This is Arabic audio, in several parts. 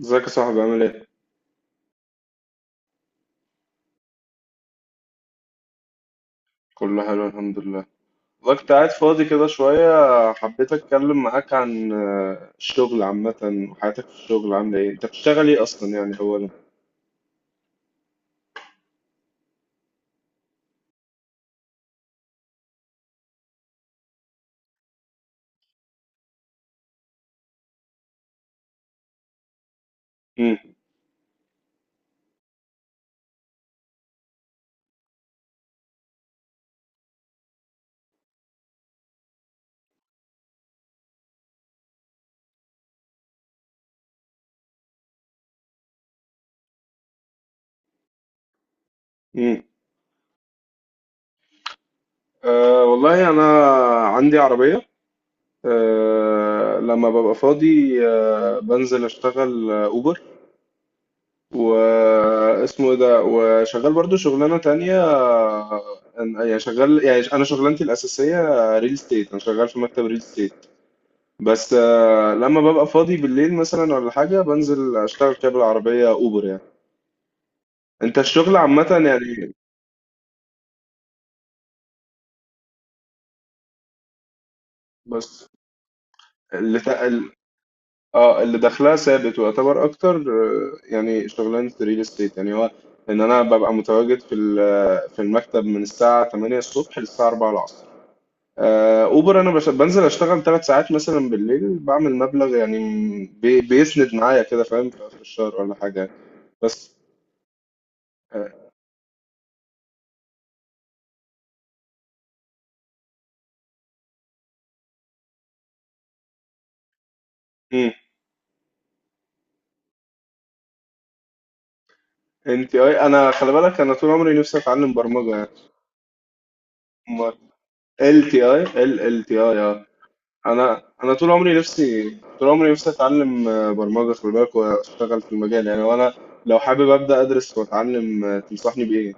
ازيك يا صاحبي عامل ايه؟ كله حلو الحمد لله. والله كنت قاعد فاضي كده شوية، حبيت اتكلم معاك عن الشغل عامة، وحياتك في الشغل عاملة ايه؟ انت بتشتغل ايه اصلا يعني اولا؟ مم. مم. أه، والله انا عندي عربية. لما ببقى فاضي بنزل اشتغل اوبر، واسمه ايه ده، وشغال برضو شغلانة تانية. يعني شغال، يعني انا شغلانتي الاساسية ريل ستيت، انا شغال في مكتب ريل ستيت، بس لما ببقى فاضي بالليل مثلا ولا حاجة بنزل أشتغل كده بالعربية أوبر يعني. أنت الشغل عامة يعني؟ بس اللي تا... ال- اه، اللي دخلها ثابت ويعتبر أكتر، يعني شغلانة الريل استيت، يعني هو إن أنا ببقى متواجد في المكتب من الساعة 8 الصبح للساعة 4 العصر. أوبر أنا بنزل أشتغل 3 ساعات مثلا بالليل، بعمل مبلغ يعني بيسند معايا كده، فاهم، في آخر الشهر ولا حاجة. بس. آه. انت اي انا خلي بالك، انا طول عمري نفسي اتعلم برمجه يعني. امال، ال تي اي، ال تي اي، اه. انا انا طول عمري نفسي، طول عمري نفسي اتعلم برمجه، خلي بالك، واشتغل في المجال يعني. وانا لو حابب ابدا ادرس واتعلم، تنصحني بايه؟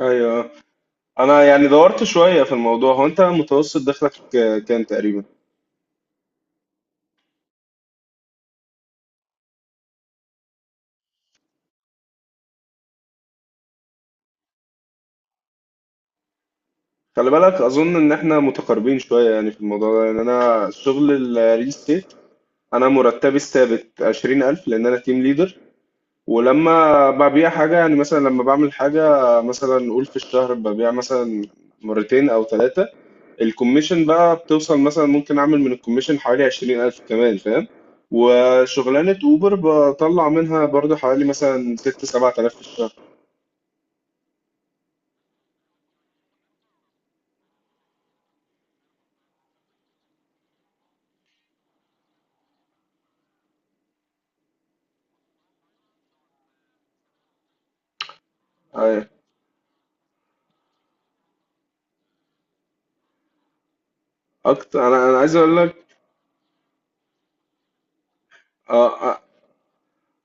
ايوه، انا يعني دورت شويه في الموضوع. هو انت متوسط دخلك كام تقريبا؟ خلي بالك اظن ان احنا متقاربين شويه يعني في الموضوع ده. يعني انا شغل الريل ستيت، انا مرتبي الثابت 20000 لان انا تيم ليدر. ولما ببيع حاجة، يعني مثلا لما بعمل حاجة، مثلا نقول في الشهر ببيع مثلا مرتين أو ثلاثة، الكوميشن بقى بتوصل مثلا، ممكن أعمل من الكوميشن حوالي 20000 كمان، فاهم. وشغلانة أوبر بطلع منها برضو حوالي مثلا ست سبعة آلاف في الشهر. أيوة. أكتر، أنا عايز أقول لك. آه، آه،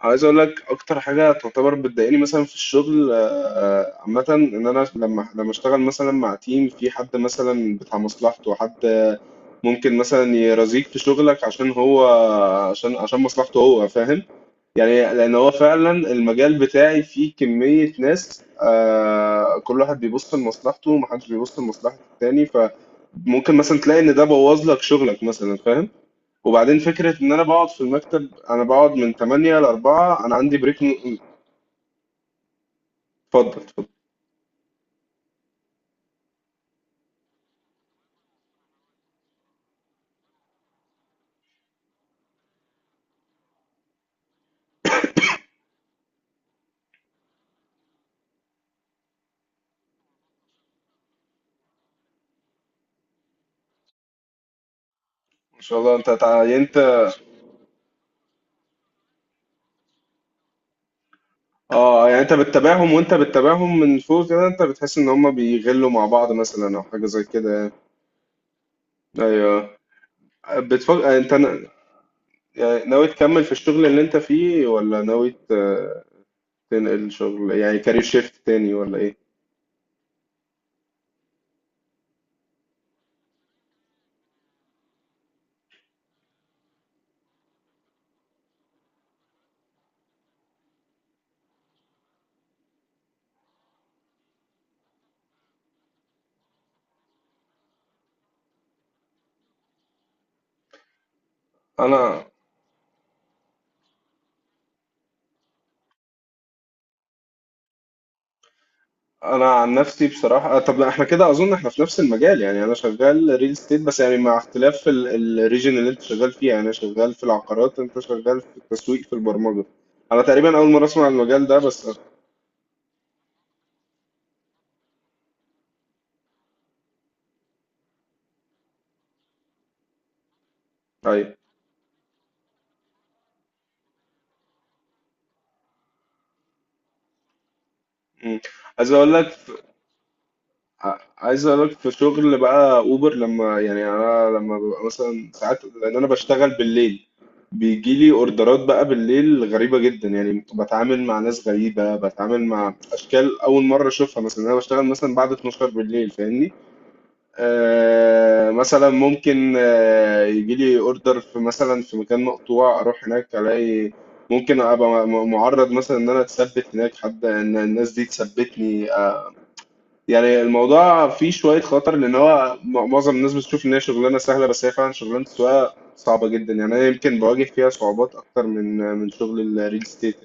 عايز اقول لك اكتر حاجه تعتبر بتضايقني مثلا في الشغل، عامه، ان انا لما اشتغل مثلا مع تيم، في حد مثلا بتاع مصلحته، حد ممكن مثلا يرازيك في شغلك عشان هو، عشان مصلحته هو، فاهم. يعني لان هو فعلا المجال بتاعي فيه كميه ناس، كل واحد بيبص لمصلحته ومحدش بيبص لمصلحه التاني، فممكن مثلا تلاقي ان ده بوظ لك شغلك مثلا، فاهم. وبعدين فكرة إن أنا بقعد في المكتب، أنا بقعد من 8 ل 4، أنا عندي بريك اتفضل اتفضل. ما شاء الله، أنت يعني أنت. يعني أنت بتتابعهم، وأنت بتتابعهم من فوق كده، أنت بتحس إن هما بيغلوا مع بعض مثلا أو حاجة زي كده يعني. أيوه. بتفكر أنت يعني ناوي تكمل في الشغل اللي أنت فيه، ولا ناوي تنقل شغل، يعني كارير شيفت تاني، ولا إيه؟ أنا انا عن نفسي بصراحه، طب، احنا كده اظن احنا في نفس المجال يعني. انا شغال ريل استيت، بس يعني مع اختلاف الريجن اللي انت شغال فيها. يعني انا شغال في العقارات، انت شغال في التسويق في البرمجه. انا تقريبا اول مره اسمع المجال ده، بس. طيب. مم. عايز اقول لك، عايز اقول لك، في شغل بقى اوبر، لما يعني انا لما ببقى مثلا ساعات، لان انا بشتغل بالليل، بيجي لي اوردرات بقى بالليل غريبه جدا. يعني بتعامل مع ناس غريبه، بتعامل مع اشكال اول مره اشوفها. مثلا انا بشتغل مثلا بعد 12 بالليل، فاهمني. مثلا ممكن يجي لي اوردر في مثلا في مكان مقطوع، اروح هناك الاقي ممكن ابقى معرض مثلا ان انا اتثبت هناك، حد ان الناس دي تثبتني. يعني الموضوع فيه شوية خطر، لأن هو معظم الناس بتشوف إن هي شغلانة سهلة، بس هي فعلا شغلانة السواقة صعبة جدا. يعني أنا يمكن بواجه فيها صعوبات أكتر من شغل الريل استيت.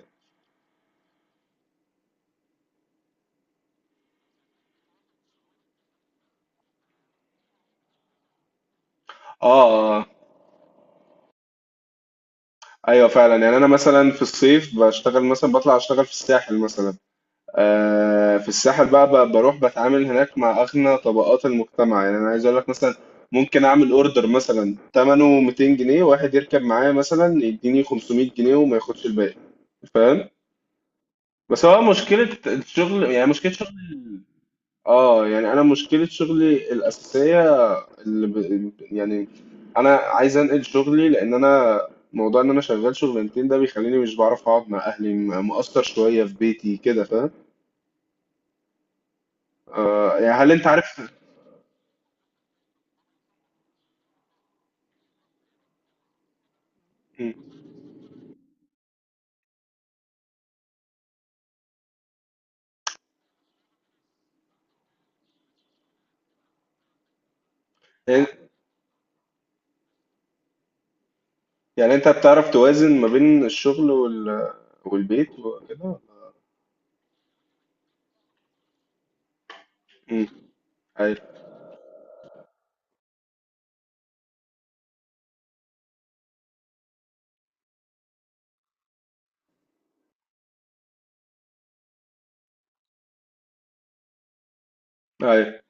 آه آه، أيوه فعلا. يعني أنا مثلا في الصيف بشتغل، مثلا بطلع أشتغل في الساحل مثلا. في الساحل بقى، بروح بتعامل هناك مع أغنى طبقات المجتمع. يعني أنا عايز أقول لك مثلا ممكن أعمل أوردر مثلا تمنه 200 جنيه، واحد يركب معايا مثلا يديني 500 جنيه وما ياخدش الباقي، فاهم. بس هو مشكلة الشغل، يعني مشكلة شغل. اه، يعني انا مشكلة شغلي الأساسية يعني انا عايز انقل شغلي، لان انا موضوع ان انا شغال شغلانتين ده بيخليني مش بعرف اقعد مع اهلي، مقصر شوية في بيتي كده، فاهم. يعني هل انت عارف؟ يعني، يعني انت بتعرف توازن ما بين الشغل والبيت وكده. امم. ايوه. ايوه،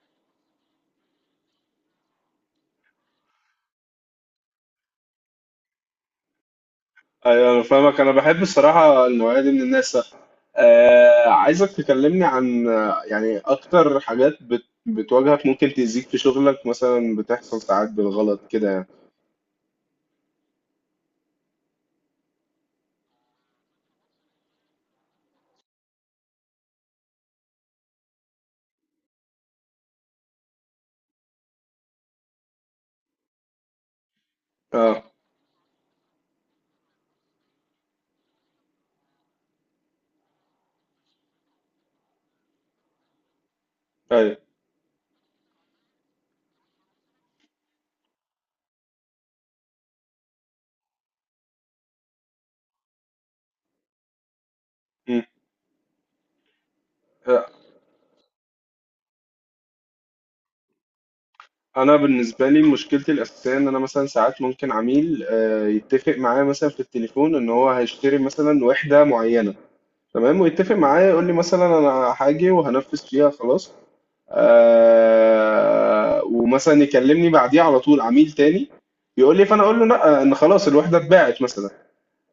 ايوه، انا فاهمك. انا بحب الصراحه النوعيه دي من الناس. عايزك تكلمني عن يعني اكتر حاجات بتواجهك، ممكن تأذيك في شغلك. مثلا بتحصل ساعات بالغلط كده يعني. اه. ايوه. مم. آه، انا بالنسبه لي مشكلتي الاساسيه ان انا مثلا ساعات ممكن عميل يتفق معايا مثلا في التليفون ان هو هيشتري مثلا وحده معينه. تمام، ويتفق معايا يقول لي مثلا انا هاجي وهنفذ فيها، خلاص. ومثلا يكلمني بعديها على طول عميل تاني، يقول لي، فانا اقول له لا، ان خلاص الوحده اتباعت مثلا.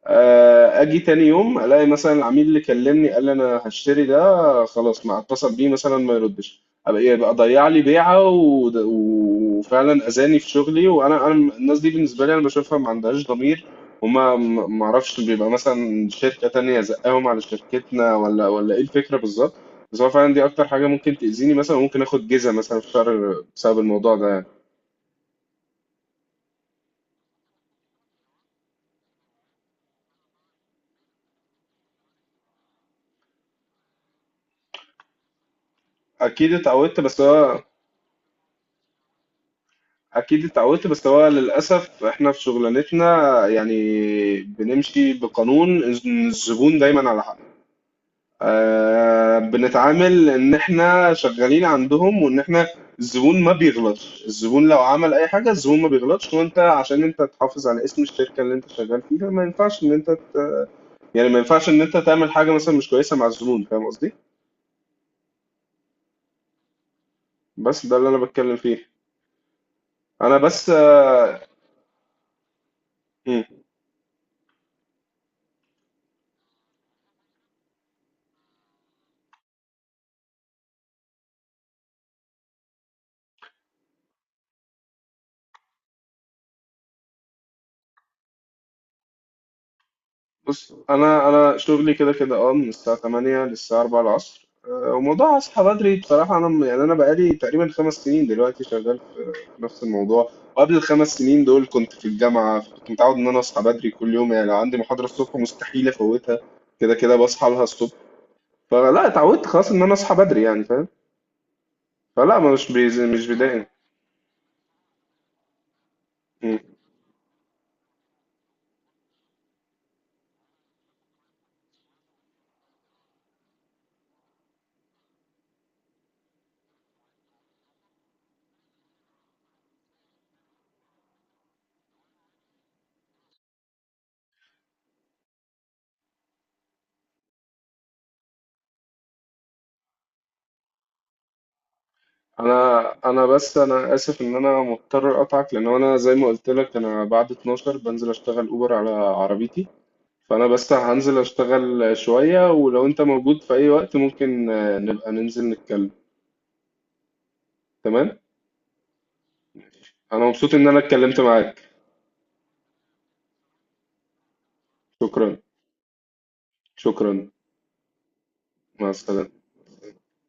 اجي تاني يوم الاقي مثلا العميل اللي كلمني قال لي انا هشتري ده، خلاص ما اتصل بيه مثلا، ما يردش. ابقى ايه؟ بقى ضيع لي بيعه، وفعلا اذاني في شغلي. وانا انا الناس دي بالنسبه لي انا بشوفها ما عندهاش ضمير. وما ما ما اعرفش، بيبقى مثلا شركه تانية زقاهم على شركتنا ولا ايه الفكره بالظبط. بس هو فعلا دي اكتر حاجه ممكن تاذيني، مثلا ممكن اخد جزءه مثلا في شهر بسبب الموضوع ده يعني. اكيد اتعودت بس هو اكيد اتعودت، بس هو للاسف احنا في شغلانتنا، يعني بنمشي بقانون إن الزبون دايما على حق. بنتعامل ان احنا شغالين عندهم، وان احنا، الزبون ما بيغلطش، الزبون لو عمل اي حاجه الزبون ما بيغلطش، وانت عشان انت تحافظ على اسم الشركه اللي انت شغال فيها ما ينفعش ان انت، يعني ما ينفعش ان انت تعمل حاجه مثلا مش كويسه مع الزبون، فاهم قصدي. بس ده اللي انا بتكلم فيه. انا بس. آه، بص، انا انا شغلي كده كده، من الساعه 8 للساعه 4 العصر. وموضوع اصحى بدري بصراحه، انا، يعني انا بقالي تقريبا 5 سنين دلوقتي شغال في نفس الموضوع. وقبل الـ 5 سنين دول كنت في الجامعه، كنت متعود ان انا اصحى بدري كل يوم. يعني لو عندي محاضره الصبح مستحيل افوتها، كده كده بصحى لها الصبح. فلا اتعودت خلاص ان انا اصحى بدري، يعني، فاهم. فلا، ما مش بيز... مش بدائم. م. انا انا بس انا اسف ان انا مضطر اقطعك، لان انا زي ما قلت لك انا بعد 12 بنزل اشتغل اوبر على عربيتي. فأنا بس هنزل أشتغل شوية، ولو أنت موجود في أي وقت ممكن نبقى ننزل نتكلم، تمام؟ أنا مبسوط إن أنا اتكلمت معاك. شكرا. شكرا، مع السلامة.